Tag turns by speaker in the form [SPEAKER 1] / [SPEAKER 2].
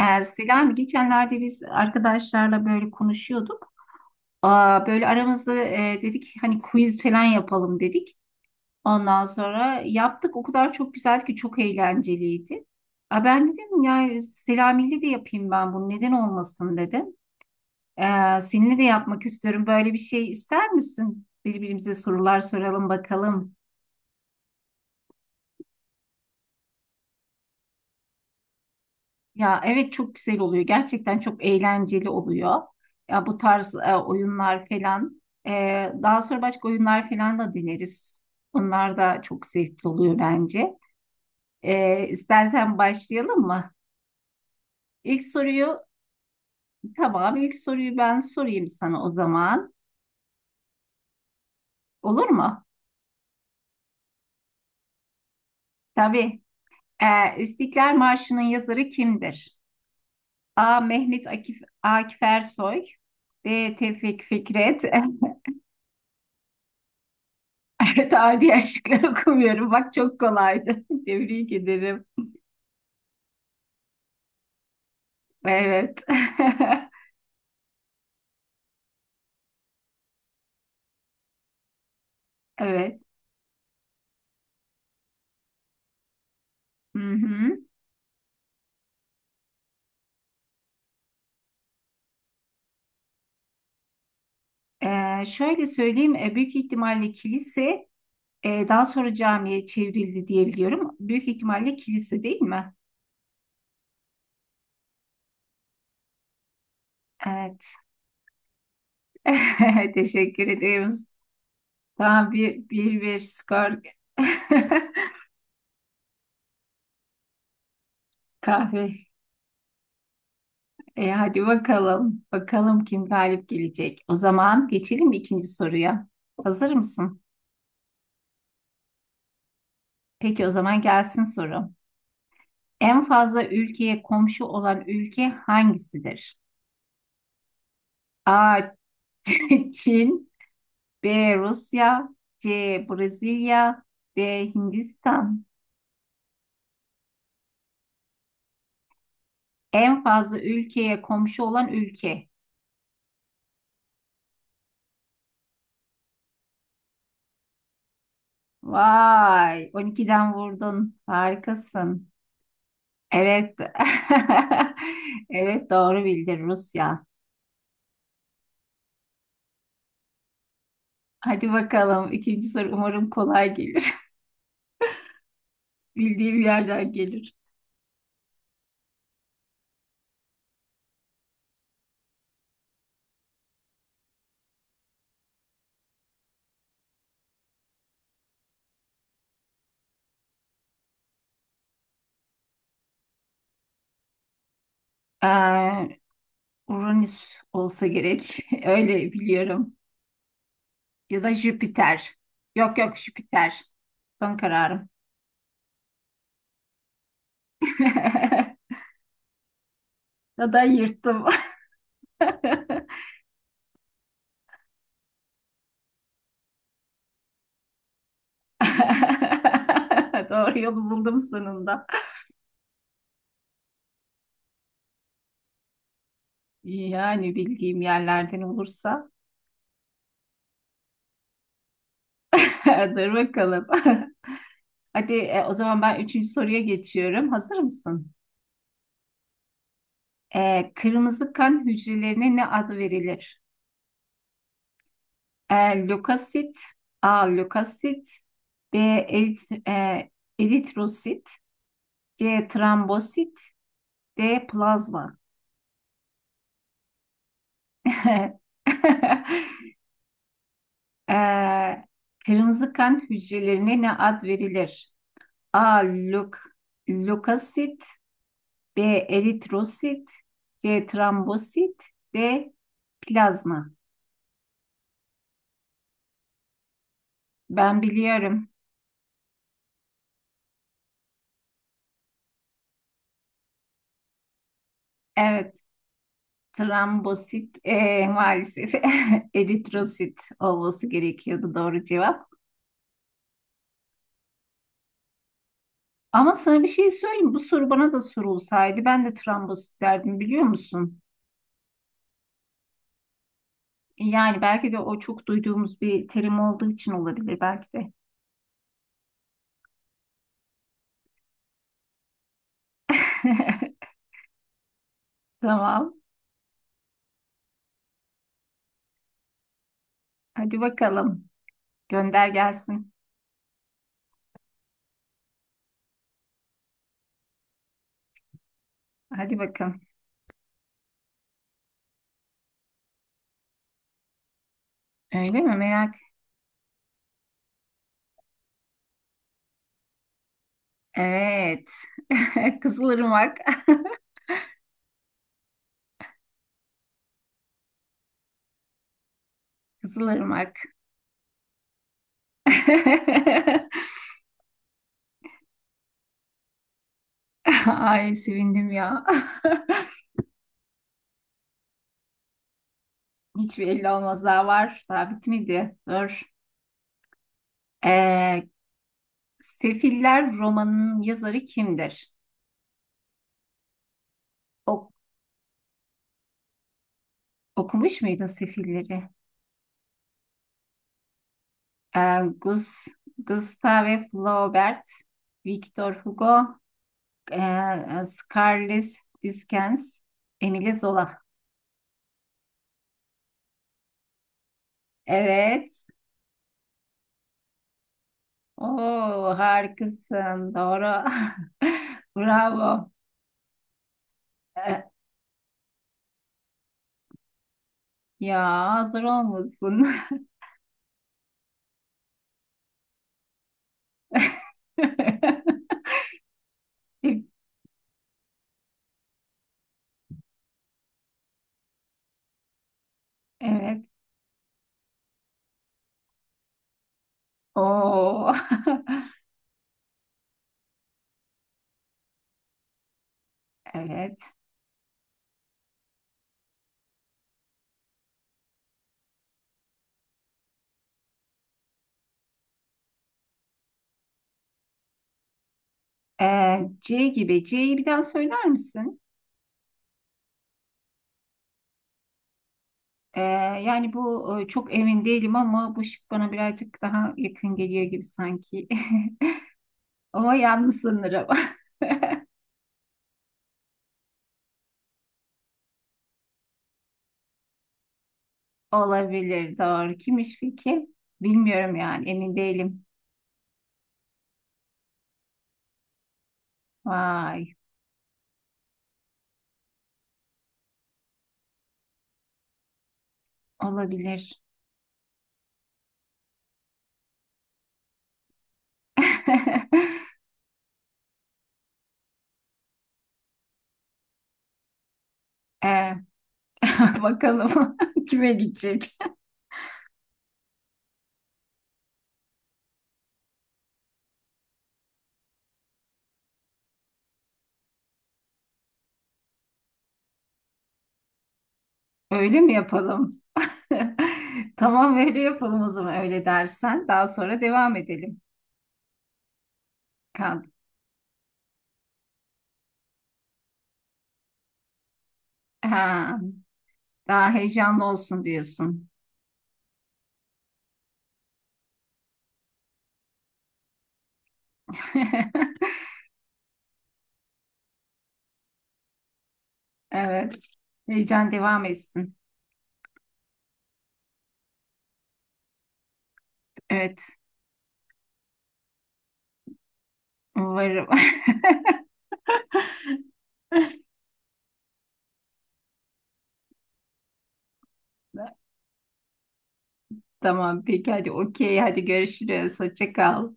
[SPEAKER 1] Selami geçenlerde biz arkadaşlarla böyle konuşuyorduk. Aa, böyle aramızda dedik hani quiz falan yapalım dedik. Ondan sonra yaptık. O kadar çok güzel ki çok eğlenceliydi. Aa, ben dedim ya Selami'yle de yapayım ben bunu neden olmasın dedim. Seninle de yapmak istiyorum. Böyle bir şey ister misin? Birbirimize sorular soralım bakalım. Ya evet, çok güzel oluyor. Gerçekten çok eğlenceli oluyor. Ya bu tarz oyunlar falan. Daha sonra başka oyunlar falan da deneriz. Onlar da çok zevkli oluyor bence. İstersen başlayalım mı? İlk soruyu tamam, ilk soruyu ben sorayım sana o zaman. Olur mu? Tabii. E, İstiklal Marşı'nın yazarı kimdir? A. Mehmet Akif, Akif Ersoy. B. Tevfik Fikret. Evet, adi şıkları okumuyorum. Bak çok kolaydı. Tebrik ederim. Evet. Evet. Hı hı. Şöyle söyleyeyim. Büyük ihtimalle kilise daha sonra camiye çevrildi diye biliyorum. Büyük ihtimalle kilise değil mi? Evet. Teşekkür ederim. Tamam, bir, bir, bir skor. Kahve. Hadi bakalım. Bakalım kim galip gelecek. O zaman geçelim ikinci soruya. Hazır mısın? Peki o zaman gelsin soru. En fazla ülkeye komşu olan ülke hangisidir? A. Çin. B. Rusya. C. Brezilya. D. Hindistan. En fazla ülkeye komşu olan ülke. Vay, 12'den vurdun. Harikasın. Evet. Evet, doğru bildin, Rusya. Hadi bakalım, ikinci soru umarım kolay gelir. Bildiğim yerden gelir. Ee, Uranüs olsa gerek. Öyle biliyorum. Ya da Jüpiter. Yok yok, Jüpiter. Son kararım. Ya da yırttım. Doğru yolu buldum sonunda. Yani bildiğim yerlerden olursa. Dur bakalım. Hadi o zaman ben üçüncü soruya geçiyorum. Hazır mısın? Kırmızı kan hücrelerine ne adı verilir? E, lökosit, A. Lökosit. B. Eritrosit. C. Trombosit. D. Plazma. Ee, Kırmızı kan hücrelerine ne ad verilir? A. Lökosit. B. Eritrosit. C. Trombosit. D. Plazma. Ben biliyorum. Evet, trombosit, maalesef eritrosit olması gerekiyordu doğru cevap. Ama sana bir şey söyleyeyim. Bu soru bana da sorulsaydı ben de trombosit derdim, biliyor musun? Yani belki de o çok duyduğumuz bir terim olduğu için olabilir belki de. Tamam. Hadi bakalım. Gönder gelsin. Hadi bakın. Öyle mi, merak? Evet. Kızılırmak. Kızılırmak. Ay sevindim ya. Hiçbir elli olmaz, daha var. Daha bitmedi. Dur. Ee, Sefiller romanının yazarı kimdir? Ok- Okumuş muydun Sefilleri? Ee, Gus- Gustave Flaubert, Victor Hugo, e, Charles Dickens, Emile Zola. Evet. Oo, harikasın. Doğru. Bravo. Ee, Ya hazır olmasın. Evet. Oo. Evet. C gibi. C'yi bir daha söyler misin? Ee, Yani bu çok emin değilim ama bu şık bana birazcık daha yakın geliyor gibi sanki. Ama yanlış sanırım. Olabilir, doğru. Kimmiş peki? Bilmiyorum yani, emin değilim. Vay, olabilir. Ee, bakalım kime gidecek? Öyle mi yapalım? Tamam, öyle yapalım o zaman, öyle dersen. Daha sonra devam edelim. Kan. Ha, daha heyecanlı olsun diyorsun. Evet. Heyecan devam etsin. Evet. Umarım. Tamam. Peki hadi okey. Hadi görüşürüz. Hoşça kal.